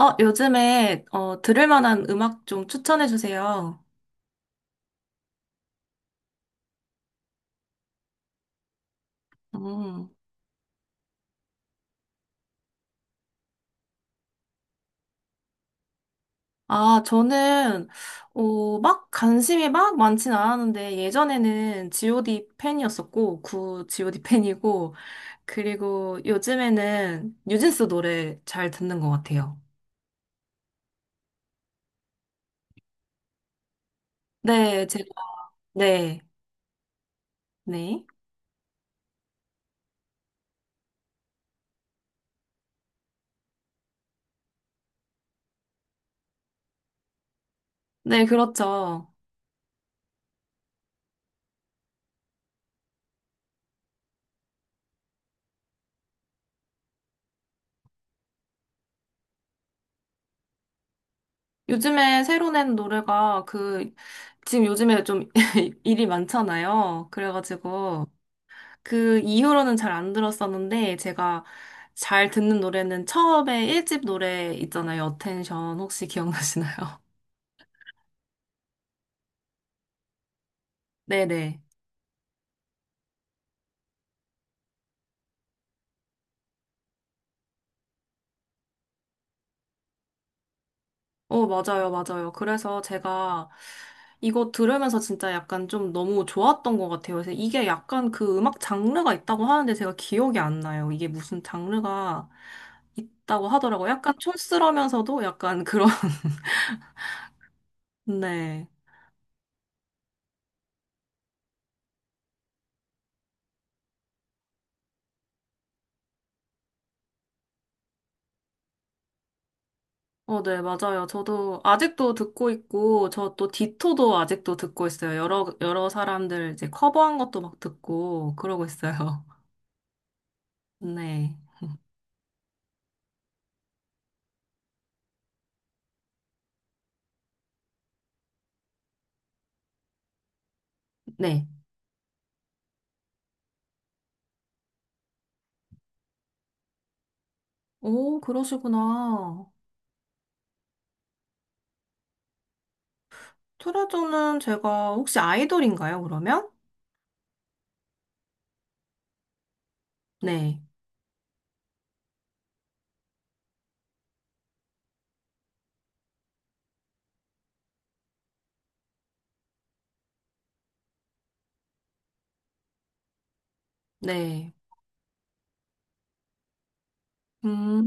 요즘에, 들을 만한 음악 좀 추천해 주세요. 음. 아, 저는, 막 관심이 막 많진 않았는데, 예전에는 GOD 팬이었었고, 구 GOD 팬이고, 그리고 요즘에는 뉴진스 노래 잘 듣는 것 같아요. 네, 제가, 네, 네. 네, 그렇죠. 요즘에 새로 낸 노래가 그, 지금 요즘에 좀 일이 많잖아요. 그래가지고, 그 이후로는 잘 안 들었었는데 제가 잘 듣는 노래는 처음에 1집 노래 있잖아요. 어텐션 혹시 기억나시나요? 네네. 어, 맞아요, 맞아요. 그래서 제가 이거 들으면서 진짜 약간 좀 너무 좋았던 것 같아요. 그래서 이게 약간 그 음악 장르가 있다고 하는데 제가 기억이 안 나요. 이게 무슨 장르가 있다고 하더라고요. 약간 촌스러면서도 약간 그런, 네. 어, 네, 맞아요. 저도 아직도 듣고 있고, 저 또 디토도 아직도 듣고 있어요. 여러 사람들 이제 커버한 것도 막 듣고, 그러고 있어요. 네. 네. 오, 그러시구나. 트레저는 제가 혹시 아이돌인가요, 그러면? 네. 네. 음.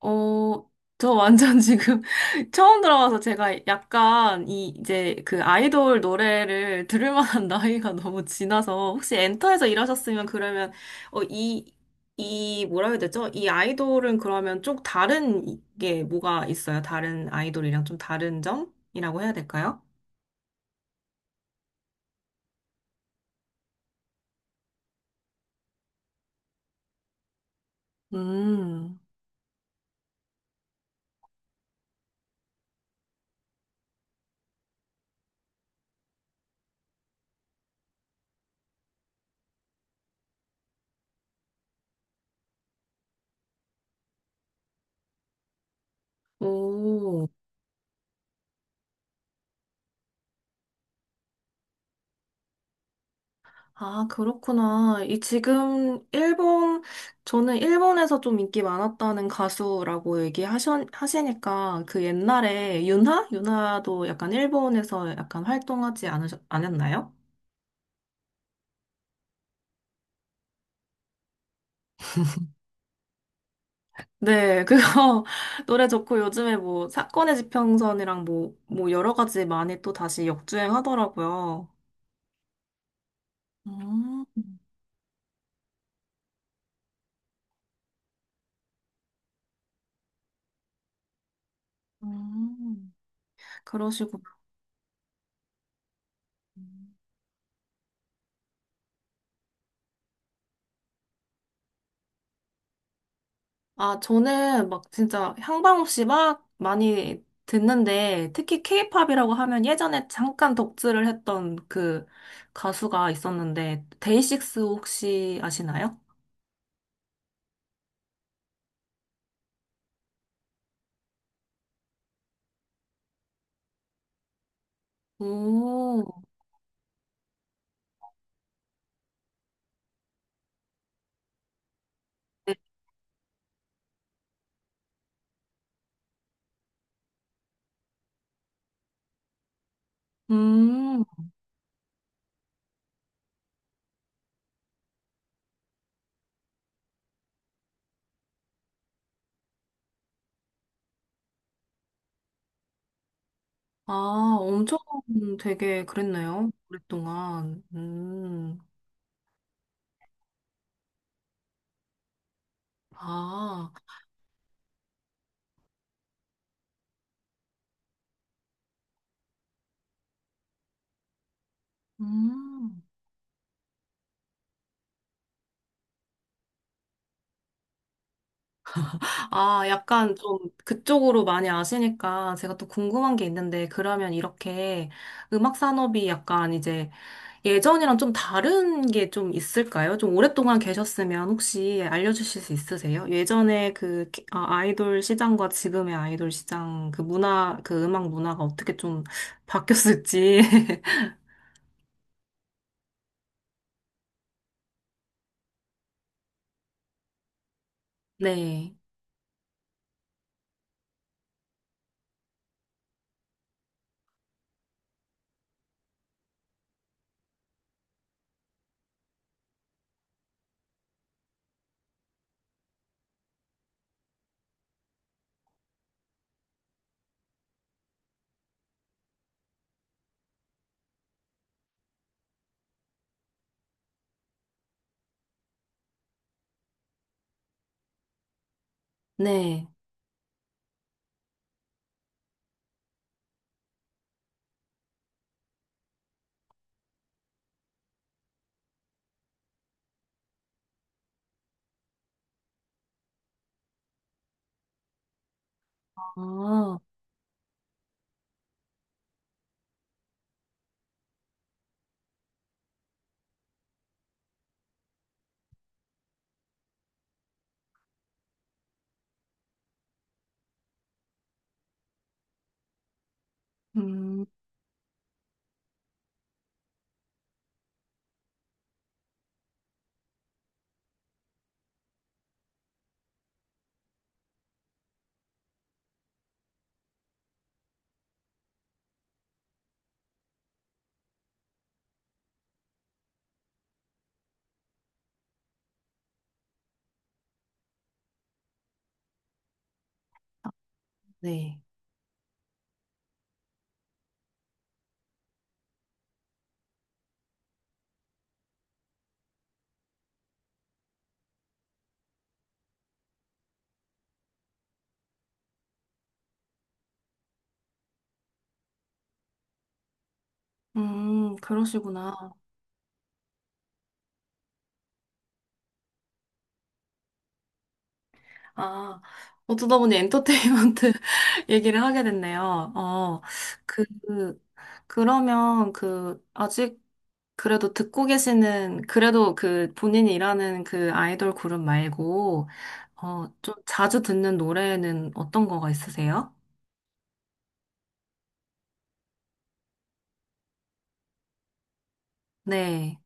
어, 저 완전 지금 처음 들어와서 제가 약간 이 이제 그 아이돌 노래를 들을 만한 나이가 너무 지나서 혹시 엔터에서 일하셨으면 그러면 어, 이, 이 뭐라 해야 되죠? 이 아이돌은 그러면 좀 다른 게 뭐가 있어요? 다른 아이돌이랑 좀 다른 점이라고 해야 될까요? 음. 오. 아, 그렇구나. 이 지금 일본, 저는 일본에서 좀 인기 많았다는 가수라고 얘기하시니까 그 옛날에 윤하? 윤하도 약간 일본에서 약간 않았나요? 네, 그거 노래 좋고 요즘에 뭐 사건의 지평선이랑 뭐 여러 가지 많이 또 다시 역주행하더라고요. 음, 음, 그러시구나. 아, 저는 막 진짜 향방 없이 막 많이 듣는데, 특히 케이팝이라고 하면 예전에 잠깐 덕질을 했던 그 가수가 있었는데, 데이식스 혹시 아시나요? 오, 네. 음, 아, 엄청 되게 그랬네요. 오랫동안. 아, 음. 아, 약간 좀 그쪽으로 많이 아시니까 제가 또 궁금한 게 있는데, 그러면 이렇게 음악 산업이 약간 이제 예전이랑 좀 다른 게 좀 있을까요? 좀 오랫동안 계셨으면 혹시 알려주실 수 있으세요? 예전에 그 아, 아이돌 시장과 지금의 아이돌 시장 그 문화, 그 음악 문화가 어떻게 좀 바뀌었을지. 네, 네. 아, 음, 네. 그러시구나. 아, 어쩌다 보니 엔터테인먼트 얘기를 하게 됐네요. 그, 그러면 그, 아직 그래도 듣고 계시는, 그래도 그 본인이 일하는 그 아이돌 그룹 말고, 좀 자주 듣는 노래는 어떤 거가 있으세요? 네.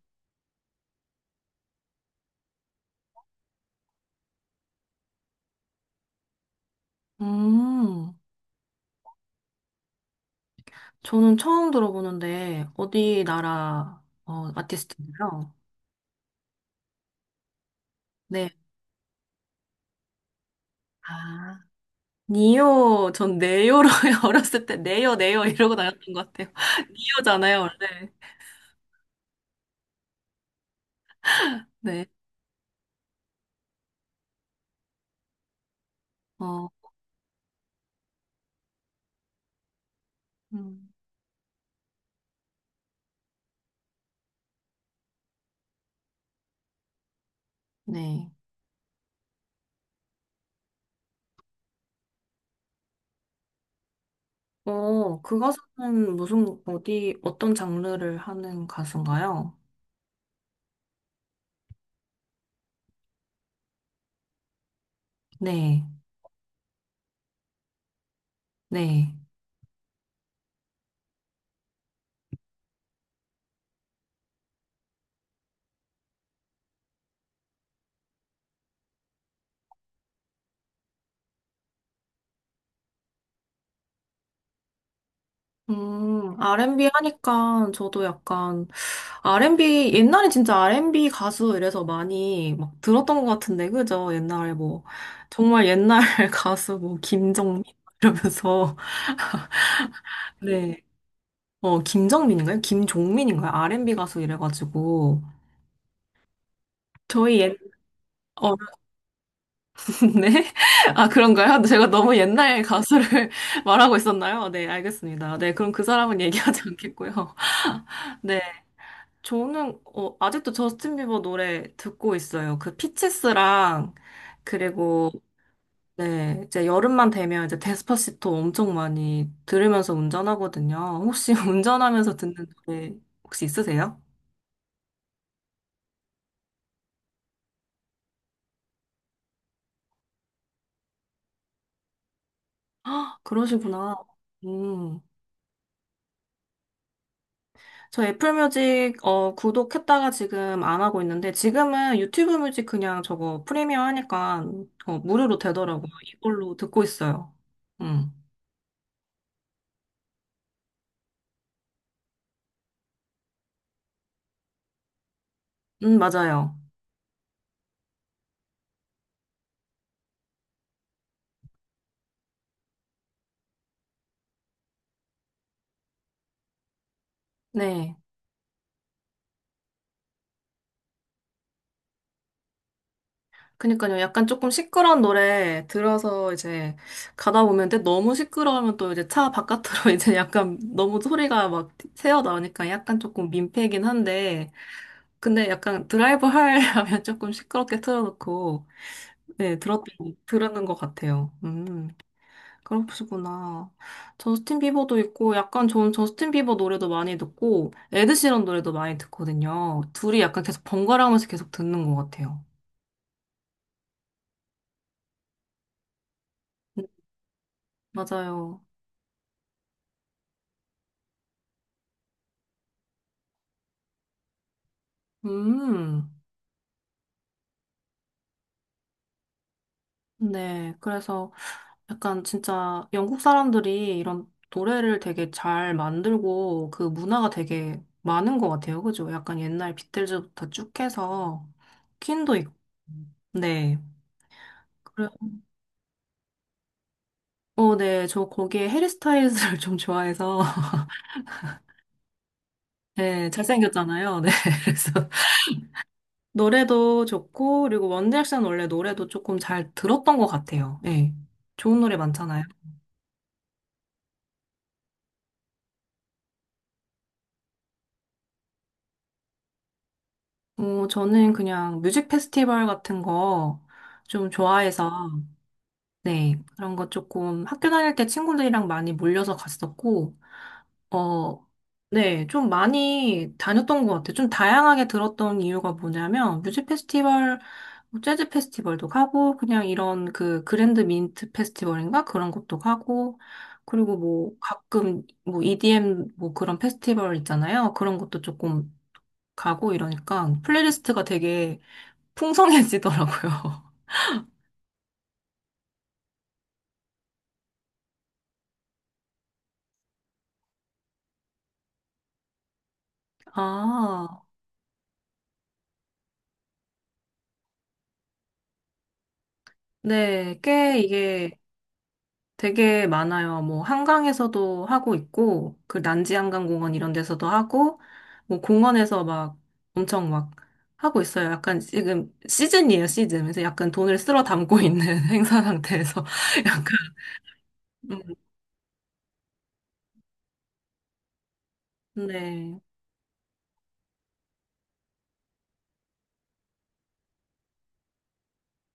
음, 저는 처음 들어보는데, 어디 나라, 아티스트인가요? 네. 아, 니오, 전 네요로 어렸을 때, 네요, 네요 이러고 다녔던 것 같아요. 니오잖아요, 원래. 네. 어, 음, 네. 그 가수는 무슨, 어디, 어떤 장르를 하는 가수인가요? 네, 네. R&B 하니까 저도 약간, R&B, 옛날에 진짜 R&B 가수 이래서 많이 막 들었던 것 같은데, 그죠? 옛날에 뭐, 정말 옛날 가수 뭐, 김정민? 이러면서, 네. 김정민인가요? 김종민인가요? R&B 가수 이래가지고. 저희 옛, 어, 네? 아, 그런가요? 제가 너무 옛날 가수를 말하고 있었나요? 네, 알겠습니다. 네, 그럼 그 사람은 얘기하지 않겠고요. 네, 저는 아직도 저스틴 비버 노래 듣고 있어요. 그 피치스랑 그리고 네, 이제 여름만 되면 이제 데스파시토 엄청 많이 들으면서 운전하거든요. 혹시 운전하면서 듣는 노래 혹시 있으세요? 아, 그러시구나. 음. 저 애플 뮤직, 구독했다가 지금 안 하고 있는데, 지금은 유튜브 뮤직 그냥 저거 프리미어 하니까, 무료로 되더라고요. 이걸로 듣고 있어요. 음, 맞아요. 네. 그니까요. 약간 조금 시끄러운 노래 들어서 이제 가다 보면, 근데 너무 시끄러우면 또 이제 차 바깥으로 이제 약간 너무 소리가 막 새어 나오니까 약간 조금 민폐긴 한데, 근데 약간 드라이브 하려면 조금 시끄럽게 틀어놓고, 네, 들었는 것 같아요. 음. 그러시구나. 저스틴 비버도 있고, 약간 저는 저스틴 비버 노래도 많이 듣고, 에드시런 노래도 많이 듣거든요. 둘이 약간 계속 번갈아 가면서 계속 듣는 것 같아요. 음, 맞아요. 음, 네. 그래서 약간 진짜 영국 사람들이 이런 노래를 되게 잘 만들고, 그 문화가 되게 많은 것 같아요. 그죠? 약간 옛날 비틀즈부터 쭉 해서, 퀸도 있고, 네. 그래- 어, 네. 저 거기에 해리스타일즈를 좀 좋아해서, 네, 잘생겼잖아요. 네, 그래서 노래도 좋고, 그리고 원디렉션 원래 노래도 조금 잘 들었던 것 같아요. 네, 좋은 노래 많잖아요. 저는 그냥 뮤직 페스티벌 같은 거 좀 좋아해서, 네, 그런 거 조금 학교 다닐 때 친구들이랑 많이 몰려서 갔었고, 어, 네, 좀 많이 다녔던 것 같아요. 좀 다양하게 들었던 이유가 뭐냐면, 뮤직 페스티벌 뭐 재즈 페스티벌도 가고, 그냥 이런 그 그랜드 민트 페스티벌인가? 그런 것도 가고, 그리고 뭐 가끔 뭐 EDM 뭐 그런 페스티벌 있잖아요. 그런 것도 조금 가고 이러니까 플레이리스트가 되게 풍성해지더라고요. 아, 네. 꽤 이게 되게 많아요. 뭐 한강에서도 하고 있고 그 난지한강공원 이런 데서도 하고 뭐 공원에서 막 엄청 막 하고 있어요. 약간 지금 시즌이에요, 시즌. 그래서 약간 돈을 쓸어 담고 있는 행사 상태에서 약간 음, 네.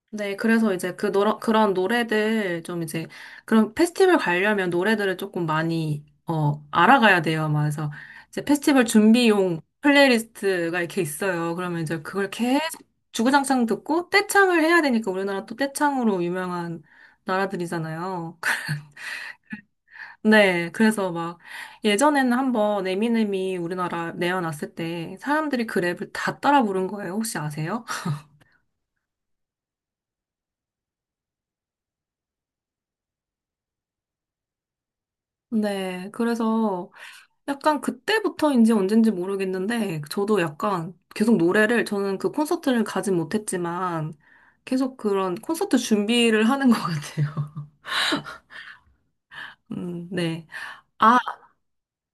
네, 그래서 이제 그 노 그런 노래들 좀 이제 그런 페스티벌 가려면 노래들을 조금 많이 알아가야 돼요. 막 그래서 이제 페스티벌 준비용 플레이리스트가 이렇게 있어요. 그러면 이제 그걸 계속 주구장창 듣고 떼창을 해야 되니까 우리나라 또 떼창으로 유명한 나라들이잖아요. 네, 그래서 막 예전에는 한번 에미넴이 우리나라 내어놨을 때 사람들이 그 랩을 다 따라 부른 거예요. 혹시 아세요? 네, 그래서 약간 그때부터인지 언젠지 모르겠는데, 저도 약간 계속 노래를, 저는 그 콘서트를 가진 못했지만, 계속 그런 콘서트 준비를 하는 것 같아요. 네. 아,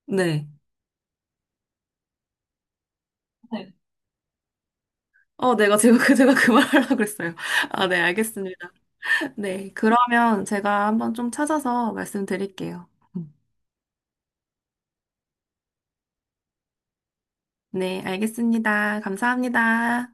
네. 네. 제가 그 말하려고 그랬어요. 아, 네, 알겠습니다. 네, 그러면 제가 한번 좀 찾아서 말씀드릴게요. 음, 네, 알겠습니다. 감사합니다.